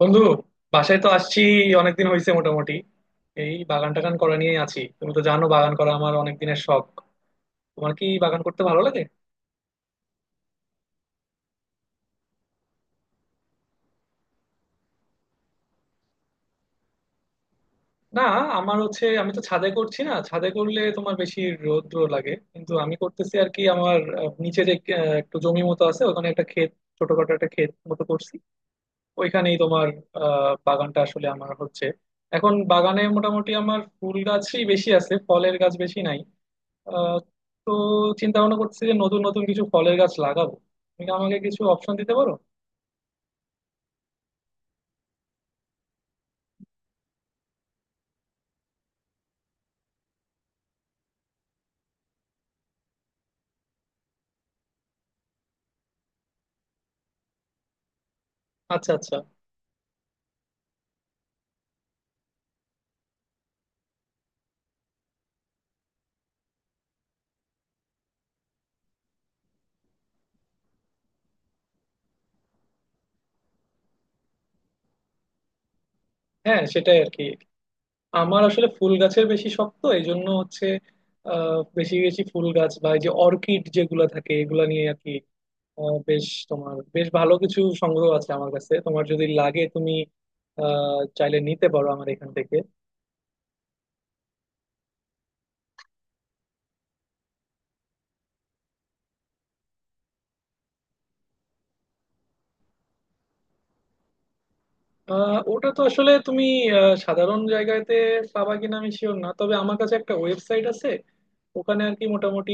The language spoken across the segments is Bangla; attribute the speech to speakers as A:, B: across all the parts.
A: বন্ধু, বাসায় তো আসছি। অনেকদিন হয়েছে মোটামুটি। এই বাগান টাগান করা নিয়ে আছি। তুমি তো জানো বাগান করা আমার অনেক দিনের শখ। তোমার কি বাগান করতে ভালো লাগে? না, আমার হচ্ছে আমি তো ছাদে করছি না, ছাদে করলে তোমার বেশি রৌদ্র লাগে, কিন্তু আমি করতেছি আর কি। আমার নিচে যে একটু জমি মতো আছে, ওখানে একটা ক্ষেত, ছোটখাটো একটা ক্ষেত মতো করছি ওইখানেই। তোমার বাগানটা আসলে আমার হচ্ছে এখন বাগানে মোটামুটি আমার ফুল গাছই বেশি আছে, ফলের গাছ বেশি নাই। আহ, তো চিন্তা ভাবনা করছি যে নতুন নতুন কিছু ফলের গাছ লাগাবো। তুমি কি আমাকে কিছু অপশন দিতে পারো? আচ্ছা আচ্ছা। হ্যাঁ, সেটাই আর কি। আমার আসলে ফুল গাছের বেশি শখ, তো এই জন্য হচ্ছে বেশি বেশি ফুল গাছ বা এই যে অর্কিড যেগুলা থাকে এগুলা নিয়ে আর কি। বেশ, তোমার বেশ ভালো কিছু সংগ্রহ আছে আমার কাছে, তোমার যদি লাগে তুমি চাইলে নিতে পারো আমার এখান থেকে। ওটা তো আসলে তুমি সাধারণ জায়গাতে পাবা কিনা আমি শিওর না, তবে আমার কাছে একটা ওয়েবসাইট আছে। ওখানে আর কি মোটামুটি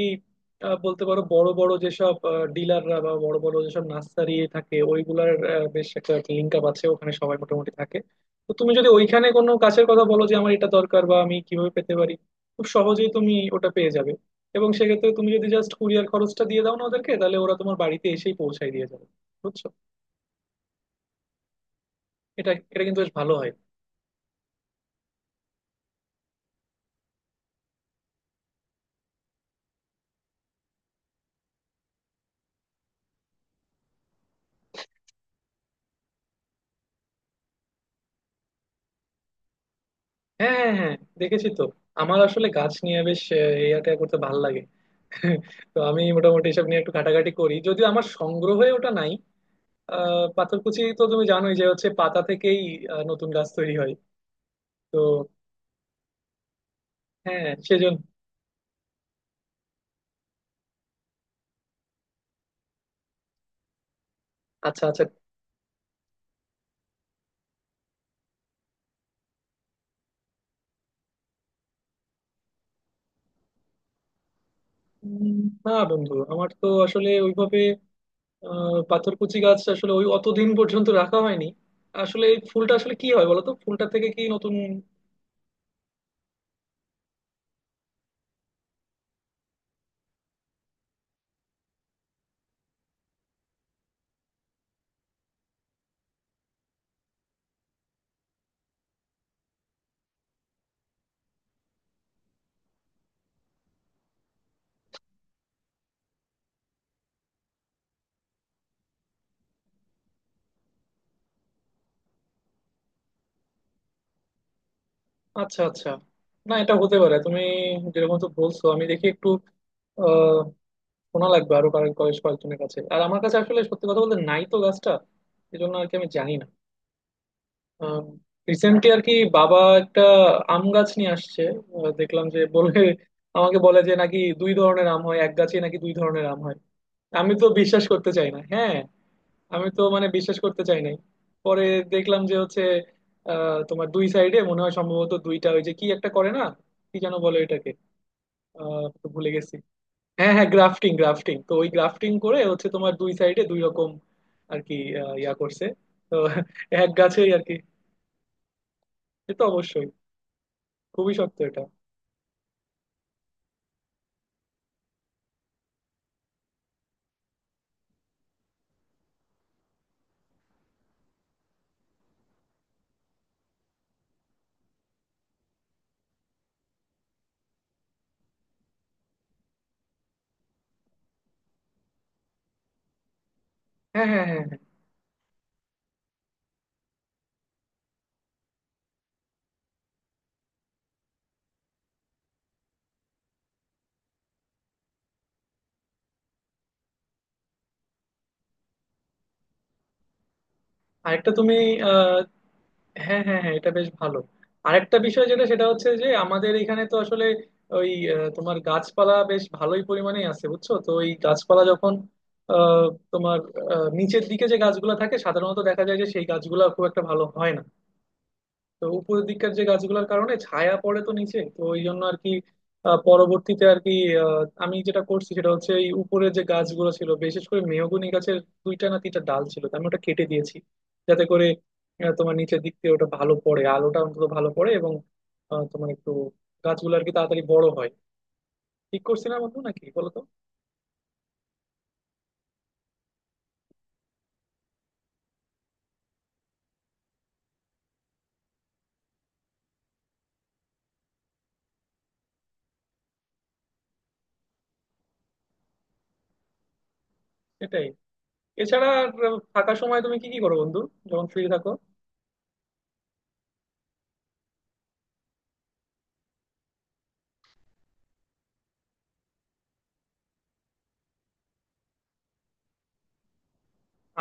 A: বলতে পারো বড় বড় যেসব ডিলাররা বা বড় বড় যেসব নার্সারি থাকে ওইগুলার বেশ একটা লিঙ্ক আপ আছে। ওখানে সবাই মোটামুটি থাকে, তো তুমি যদি ওইখানে কোনো গাছের কথা বলো যে আমার এটা দরকার বা আমি কিভাবে পেতে পারি, খুব সহজেই তুমি ওটা পেয়ে যাবে। এবং সেক্ষেত্রে তুমি যদি জাস্ট কুরিয়ার খরচটা দিয়ে দাও না ওদেরকে, তাহলে ওরা তোমার বাড়িতে এসেই পৌঁছায় দিয়ে যাবে, বুঝছো। এটা এটা কিন্তু বেশ ভালো হয়। হ্যাঁ হ্যাঁ হ্যাঁ, দেখেছি তো। আমার আসলে গাছ নিয়ে বেশ এই আটা করতে ভালো লাগে, তো আমি মোটামুটি এসব নিয়ে একটু ঘাটাঘাটি করি, যদিও আমার সংগ্রহে ওটা নাই। পাথরকুচি তো তুমি জানোই যে হচ্ছে পাতা থেকেই নতুন গাছ তৈরি হয়। তো হ্যাঁ, সেজন্য। আচ্ছা আচ্ছা। উম, না বন্ধু, আমার তো আসলে ওইভাবে পাথরকুচি গাছ আসলে ওই অতদিন পর্যন্ত রাখা হয়নি। আসলে এই ফুলটা আসলে কি হয় বলো তো, ফুলটা থেকে কি নতুন? আচ্ছা আচ্ছা। না, এটা হতে পারে, তুমি যেরকম তো বলছো। আমি দেখি একটু, শোনা লাগবে আরো কারো, কয়েকজনের কাছে। আর আমার কাছে আসলে সত্যি কথা বলতে নাই তো গাছটা, এই জন্য আর কি, আমি জানি না। রিসেন্টলি আর কি বাবা একটা আম গাছ নিয়ে আসছে। দেখলাম যে বলে, আমাকে বলে যে নাকি দুই ধরনের আম হয় এক গাছে, নাকি দুই ধরনের আম হয়। আমি তো বিশ্বাস করতে চাই না, হ্যাঁ। আমি তো মানে বিশ্বাস করতে চাই নাই। পরে দেখলাম যে হচ্ছে তোমার দুই সাইডে মনে হয় সম্ভবত দুইটা ওই যে কি একটা করে না, কি যেন বলে এটাকে, আহ ভুলে গেছি। হ্যাঁ হ্যাঁ, গ্রাফটিং, গ্রাফটিং, তো ওই গ্রাফটিং করে হচ্ছে তোমার দুই সাইডে দুই রকম আর কি, ইয়া করছে। তো এক গাছেই আর কি। সে তো অবশ্যই, খুবই শক্ত এটা। হ্যাঁ হ্যাঁ হ্যাঁ হ্যাঁ। আরেকটা তুমি, আহ হ্যাঁ হ্যাঁ হ্যাঁ, এটা বেশ ভালো। আরেকটা বিষয় যেটা, সেটা হচ্ছে যে আমাদের এখানে তো আসলে ওই তোমার গাছপালা বেশ ভালোই পরিমাণেই আছে, বুঝছো তো, ওই গাছপালা যখন আহ তোমার নিচের দিকে যে গাছগুলো থাকে সাধারণত দেখা যায় যে সেই গাছগুলো খুব একটা ভালো হয় না। তো উপরের দিককার যে গাছগুলোর কারণে ছায়া পড়ে তো নিচে, তো ওই জন্য আর কি পরবর্তীতে আর কি আহ, আমি যেটা করছি সেটা হচ্ছে এই উপরে যে গাছগুলো ছিল বিশেষ করে মেহগনি গাছের দুইটা না তিনটা ডাল ছিল, তো আমি ওটা কেটে দিয়েছি, যাতে করে তোমার নিচের দিক দিয়ে ওটা ভালো পড়ে, আলোটা অন্তত ভালো পড়ে, এবং তোমার একটু গাছগুলো আর কি তাড়াতাড়ি বড় হয়। ঠিক করছি না বন্ধু নাকি, বলো তো। এটাই। এছাড়া আর ফাঁকা সময় তুমি কি কি করো বন্ধু, যখন ফ্রি থাকো?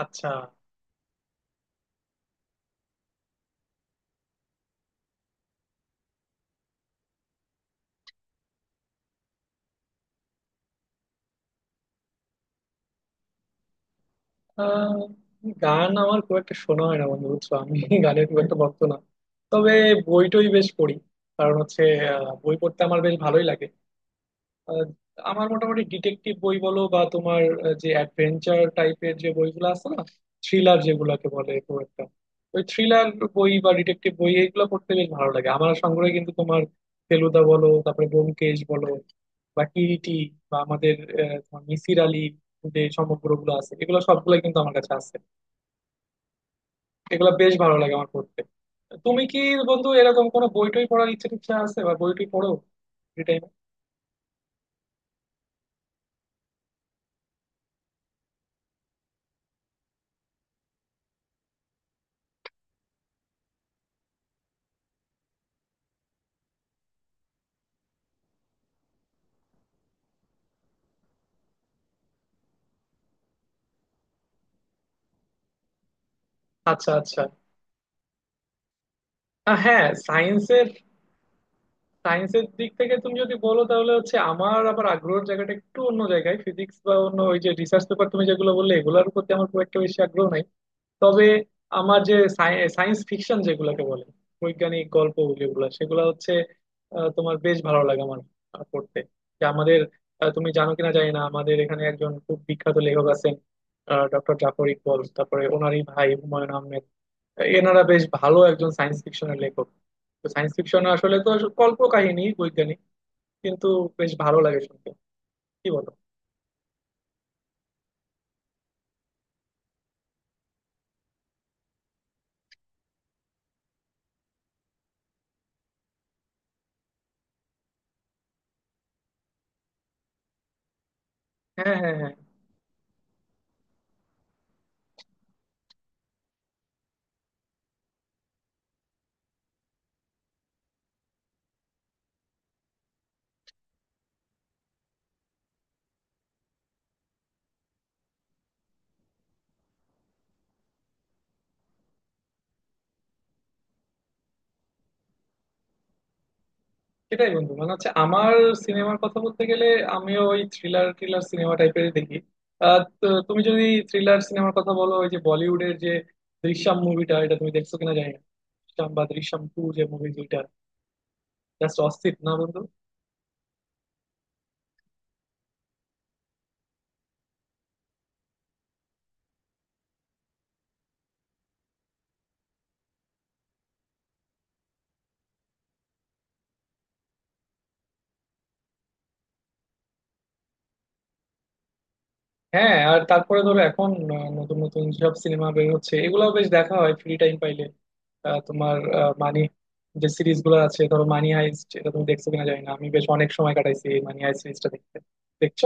A: আচ্ছা। আহ, গান আমার খুব একটা শোনা হয় না বন্ধু, বুঝছো, আমি গানের খুব একটা ভক্ত না। তবে বইটই বেশ পড়ি, কারণ হচ্ছে বই পড়তে আমার বেশ ভালোই লাগে। আহ, আমার মোটামুটি ডিটেকটিভ বই বলো বা তোমার যে অ্যাডভেঞ্চার টাইপের যে বইগুলো আছে না, থ্রিলার যেগুলোকে বলে, খুব একটা ওই থ্রিলার বই বা ডিটেকটিভ বই এইগুলো পড়তে বেশ ভালো লাগে। আমার সংগ্রহে কিন্তু তোমার ফেলুদা বলো, তারপরে ব্যোমকেশ বলো, বা কিরিটি, বা আমাদের তোমার মিসির আলী, যে সমগ্রগুলো আছে এগুলো সবগুলো কিন্তু আমার কাছে আছে। এগুলো বেশ ভালো লাগে আমার পড়তে। তুমি কি বন্ধু এরকম কোনো বই টই পড়ার ইচ্ছা টিচ্ছা আছে, বা বই টই পড়ো ফ্রি টাইমে? আচ্ছা আচ্ছা। হ্যাঁ, সায়েন্সের, সায়েন্সের দিক থেকে তুমি যদি বলো, তাহলে হচ্ছে আমার আবার আগ্রহের জায়গাটা একটু অন্য জায়গায়। ফিজিক্স বা অন্য ওই যে রিসার্চ পেপার তুমি যেগুলো বললে, এগুলোর প্রতি আমার খুব একটা বেশি আগ্রহ নাই। তবে আমার যে সায়েন্স ফিকশন যেগুলোকে বলে, বৈজ্ঞানিক গল্প যেগুলো, সেগুলো হচ্ছে তোমার বেশ ভালো লাগে আমার পড়তে। যে আমাদের তুমি জানো কিনা জানি না, আমাদের এখানে একজন খুব বিখ্যাত লেখক আছেন, ডক্টর জাফর ইকবল, তারপরে ওনারই ভাই হুমায়ুন আহমেদ। এনারা বেশ ভালো একজন সায়েন্স ফিকশনের লেখক। তো সায়েন্স ফিকশন আসলে তো কল্প কাহিনী, বৈজ্ঞানিক, কিন্তু বেশ ভালো লাগে শুনতে, কি বলো। হ্যাঁ হ্যাঁ হ্যাঁ। সেটাই বন্ধু, মানে হচ্ছে আমার সিনেমার কথা বলতে গেলে আমিও ওই থ্রিলার থ্রিলার সিনেমা টাইপের দেখি। তো তুমি যদি থ্রিলার সিনেমার কথা বলো, ওই যে বলিউডের যে দৃশ্যম মুভিটা, এটা তুমি দেখছো কিনা জানি না, দৃশ্যম বা দৃশ্যম টু, যে মুভি দুইটা, জাস্ট অস্থির না বন্ধু? হ্যাঁ, আর তারপরে ধরো এখন নতুন নতুন সব সিনেমা বের হচ্ছে, এগুলাও বেশ দেখা হয় ফ্রি টাইম পাইলে। তোমার আহ, মানি যে সিরিজ গুলো আছে, ধরো মানি হাইস্ট, এটা তুমি দেখছো কিনা জানি না, আমি বেশ অনেক সময় কাটাইছি এই মানি হাইস্ট সিরিজটা দেখতে। দেখছো?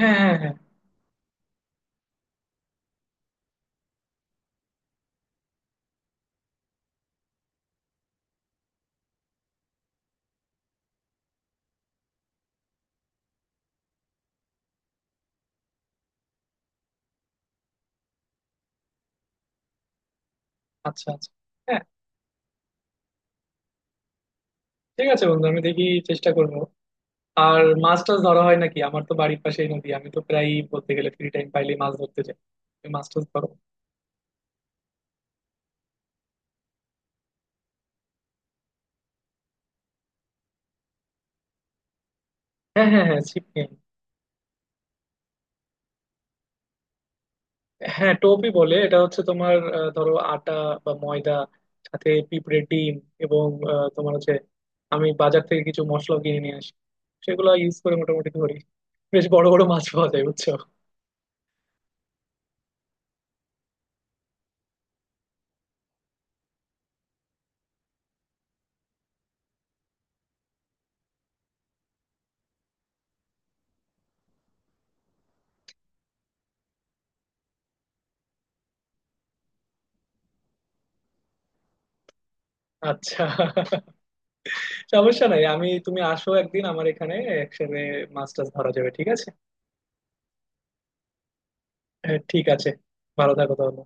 A: হ্যাঁ হ্যাঁ হ্যাঁ। আচ্ছা আচ্ছা। হ্যাঁ, ঠিক আছে বন্ধু, আমি দেখি চেষ্টা করব। আর মাছ টাছ ধরা হয় নাকি? আমার তো বাড়ির পাশেই নদী, আমি তো প্রায় বলতে গেলে ফ্রি টাইম পাইলে মাছ ধরতে যাই। তুমি মাছ টাছ ধরো? হ্যাঁ হ্যাঁ হ্যাঁ, ছিপ নিয়ে আনো। হ্যাঁ, টোপই বলে এটা। হচ্ছে তোমার ধরো আটা বা ময়দা, সাথে পিঁপড়ের ডিম, এবং তোমার হচ্ছে আমি বাজার থেকে কিছু মশলা কিনে নিয়ে আসি, সেগুলো ইউজ করে মোটামুটি ধরি। বেশ বড় বড় মাছ পাওয়া যায়, বুঝছো। আচ্ছা, সমস্যা নাই, আমি তুমি আসো একদিন আমার এখানে, একসাথে মাছ টাছ ধরা যাবে, ঠিক আছে। হ্যাঁ, ঠিক আছে, ভালো থাকো তাহলে।